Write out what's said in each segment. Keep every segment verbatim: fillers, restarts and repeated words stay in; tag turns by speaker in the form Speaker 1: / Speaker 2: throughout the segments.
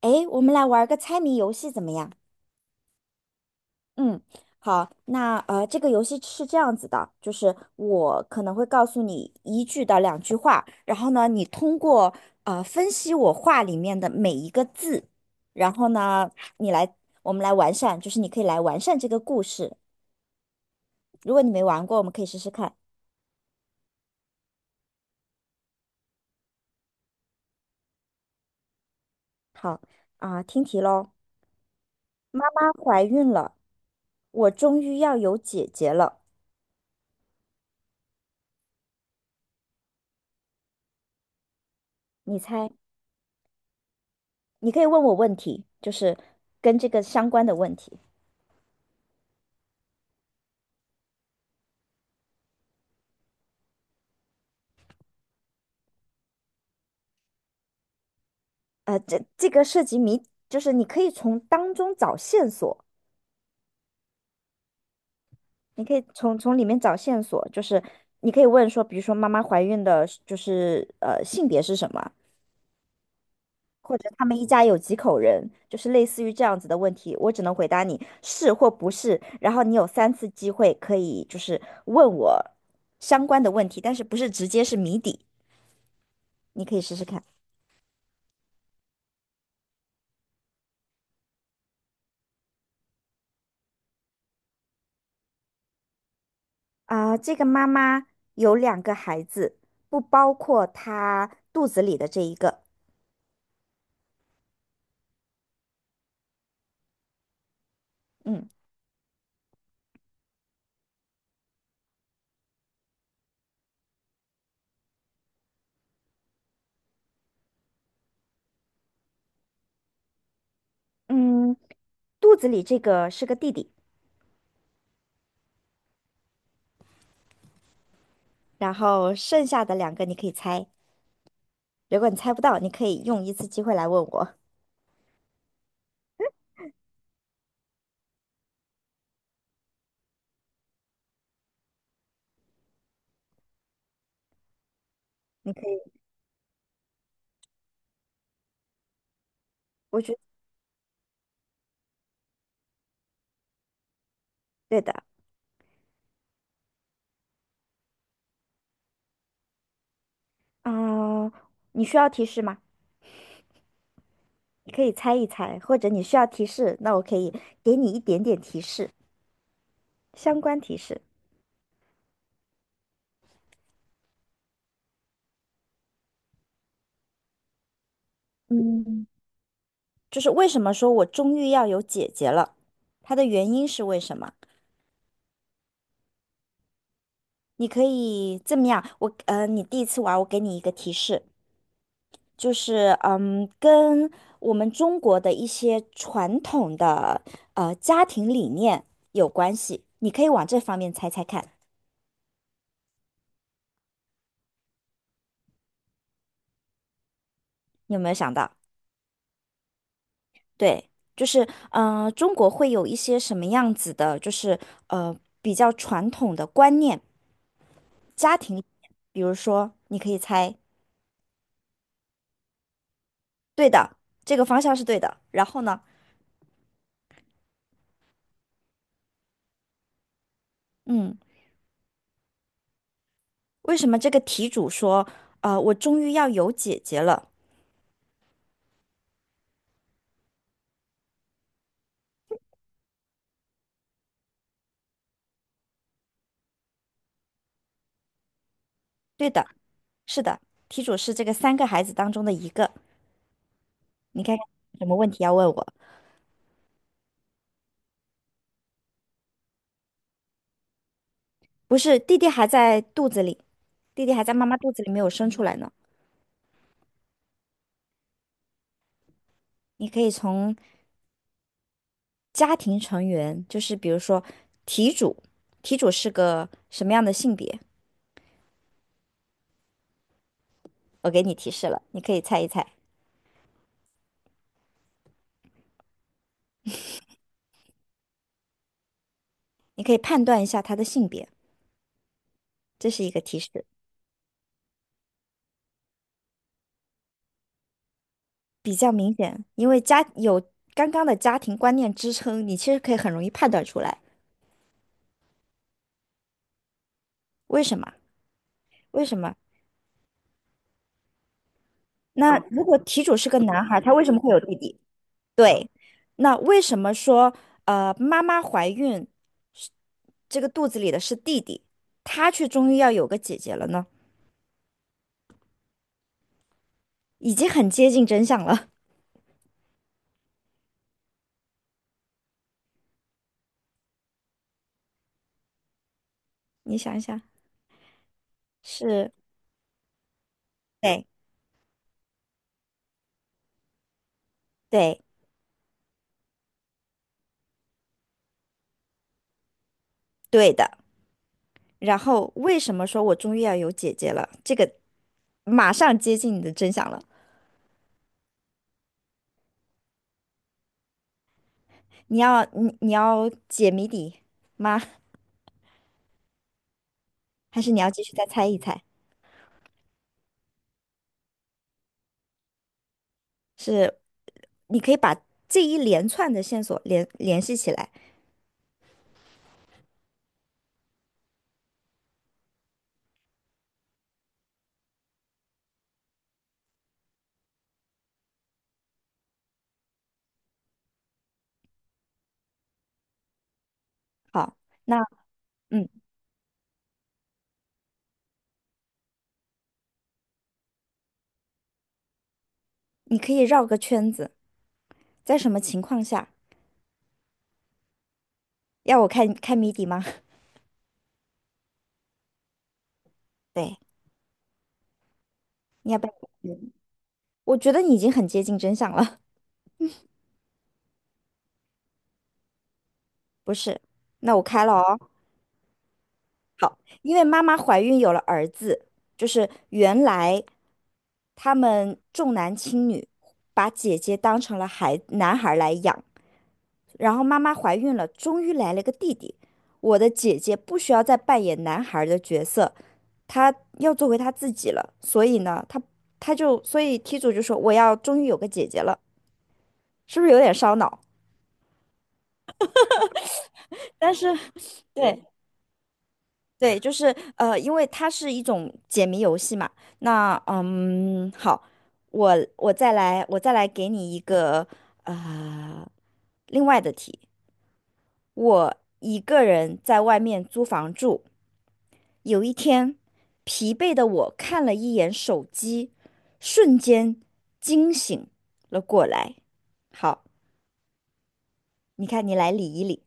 Speaker 1: 诶，我们来玩个猜谜游戏怎么样？嗯，好，那呃，这个游戏是这样子的，就是我可能会告诉你一句到两句话，然后呢，你通过呃分析我话里面的每一个字，然后呢，你来，我们来完善，就是你可以来完善这个故事。如果你没玩过，我们可以试试看。好，啊，听题喽。妈妈怀孕了，我终于要有姐姐了。你猜，你可以问我问题，就是跟这个相关的问题。呃，这这个涉及谜，就是你可以从当中找线索，你可以从从里面找线索，就是你可以问说，比如说妈妈怀孕的是就是呃性别是什么，或者他们一家有几口人，就是类似于这样子的问题，我只能回答你是或不是，然后你有三次机会可以就是问我相关的问题，但是不是直接是谜底，你可以试试看。啊、这个妈妈有两个孩子，不包括她肚子里的这一个。嗯。嗯，肚子里这个是个弟弟，然后剩下的两个你可以猜。如果你猜不到，你可以用一次机会来问我。你可以，我觉得对的。啊、你需要提示吗？你可以猜一猜，或者你需要提示，那我可以给你一点点提示，相关提示。嗯，就是为什么说我终于要有姐姐了，它的原因是为什么？你可以这么样，我呃，你第一次玩，我给你一个提示，就是嗯，跟我们中国的一些传统的呃家庭理念有关系。你可以往这方面猜猜看，你有没有想到？对，就是嗯、呃中国会有一些什么样子的，就是呃比较传统的观念，家庭理念比如说，你可以猜，对的，这个方向是对的。然后呢，嗯，为什么这个题主说，呃，我终于要有姐姐了？对的，是的，题主是这个三个孩子当中的一个。你看看有什么问题要问我？不是，弟弟还在肚子里，弟弟还在妈妈肚子里没有生出来呢。你可以从家庭成员，就是比如说题主，题主是个什么样的性别？我给你提示了，你可以猜一猜，你可以判断一下他的性别，这是一个提示，比较明显，因为家有刚刚的家庭观念支撑，你其实可以很容易判断出来。为什么？为什么？那如果题主是个男孩，他为什么会有弟弟？对，那为什么说呃妈妈怀孕是这个肚子里的是弟弟，他却终于要有个姐姐了呢？已经很接近真相了，你想一想，是，对对对的。然后为什么说我终于要有姐姐了？这个马上接近你的真相了。你要你你要解谜底吗？还是你要继续再猜一猜？是你可以把这一连串的线索联联系起来。好，那嗯，你可以绕个圈子，在什么情况下？要我开开谜底吗？对，你要不要？嗯我觉得你已经很接近真相了，不是？那我开了哦。好，因为妈妈怀孕有了儿子，就是原来他们重男轻女，把姐姐当成了孩男孩儿来养，然后妈妈怀孕了，终于来了个弟弟。我的姐姐不需要再扮演男孩的角色，她要做回她自己了。所以呢，她她就所以题主就说我要终于有个姐姐了，是不是有点烧脑？但是 对对，就是呃，因为它是一种解谜游戏嘛。那嗯，好，我我再来我再来给你一个呃另外的题。我一个人在外面租房住。有一天，疲惫的我看了一眼手机，瞬间惊醒了过来。好，你看，你来理一理。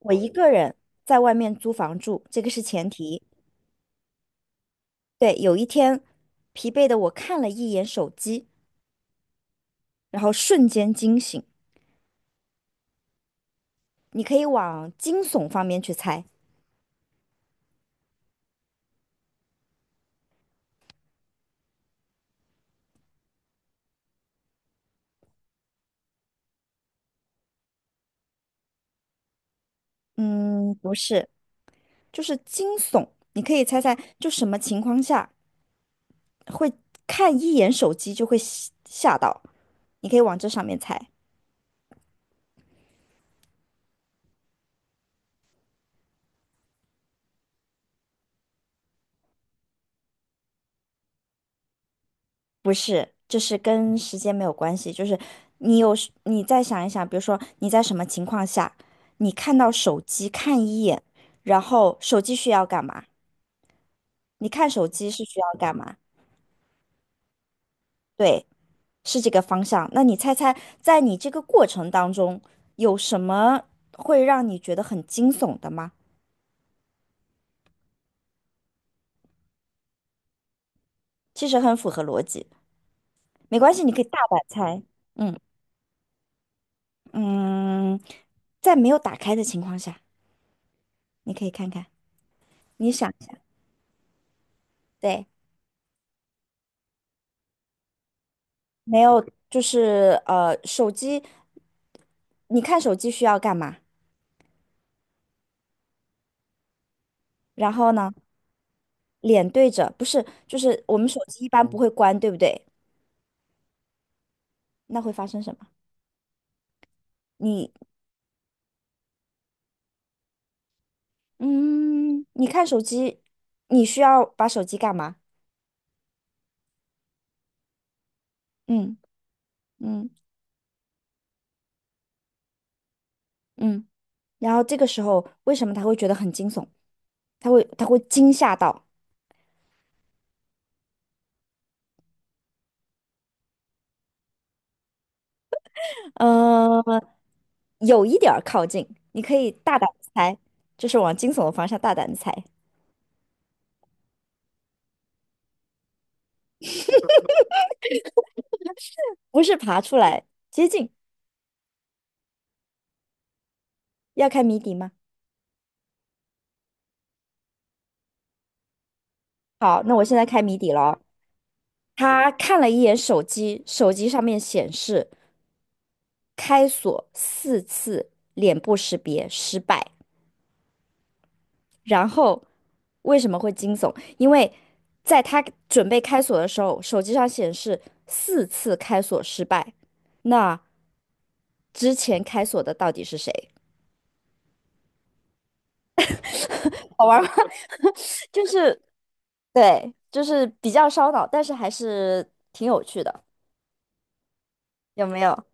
Speaker 1: 我一个人在外面租房住，这个是前提。对，有一天，疲惫的我看了一眼手机，然后瞬间惊醒。你可以往惊悚方面去猜。嗯，不是，就是惊悚。你可以猜猜，就什么情况下会看一眼手机就会吓吓到？你可以往这上面猜。不是，就是跟时间没有关系，就是你有时你再想一想，比如说你在什么情况下，你看到手机看一眼，然后手机需要干嘛？你看手机是需要干嘛？对，是这个方向。那你猜猜，在你这个过程当中，有什么会让你觉得很惊悚的吗？其实很符合逻辑，没关系，你可以大胆猜。嗯嗯，在没有打开的情况下，你可以看看，你想一下，对。没有，就是呃，手机，你看手机需要干嘛？然后呢，脸对着，不是，就是我们手机一般不会关，对不对？那会发生什么？你，嗯，你看手机，你需要把手机干嘛？嗯嗯嗯。然后这个时候，为什么他会觉得很惊悚？他会他会惊吓到，呃，有一点儿靠近，你可以大胆地猜，就是往惊悚的方向大胆地猜，不是爬出来接近，要开谜底吗？好，那我现在开谜底了。他看了一眼手机，手机上面显示开锁四次，脸部识别失败。然后为什么会惊悚？因为在他准备开锁的时候，手机上显示四次开锁失败。那之前开锁的到底是谁？好玩吗？就是对，就是比较烧脑，但是还是挺有趣的，有没有？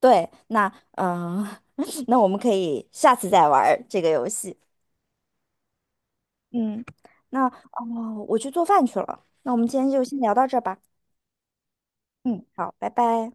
Speaker 1: 对，那嗯，呃 那我们可以下次再玩儿这个游戏。嗯，那哦，我去做饭去了。那我们今天就先聊到这儿吧。嗯，好，拜拜。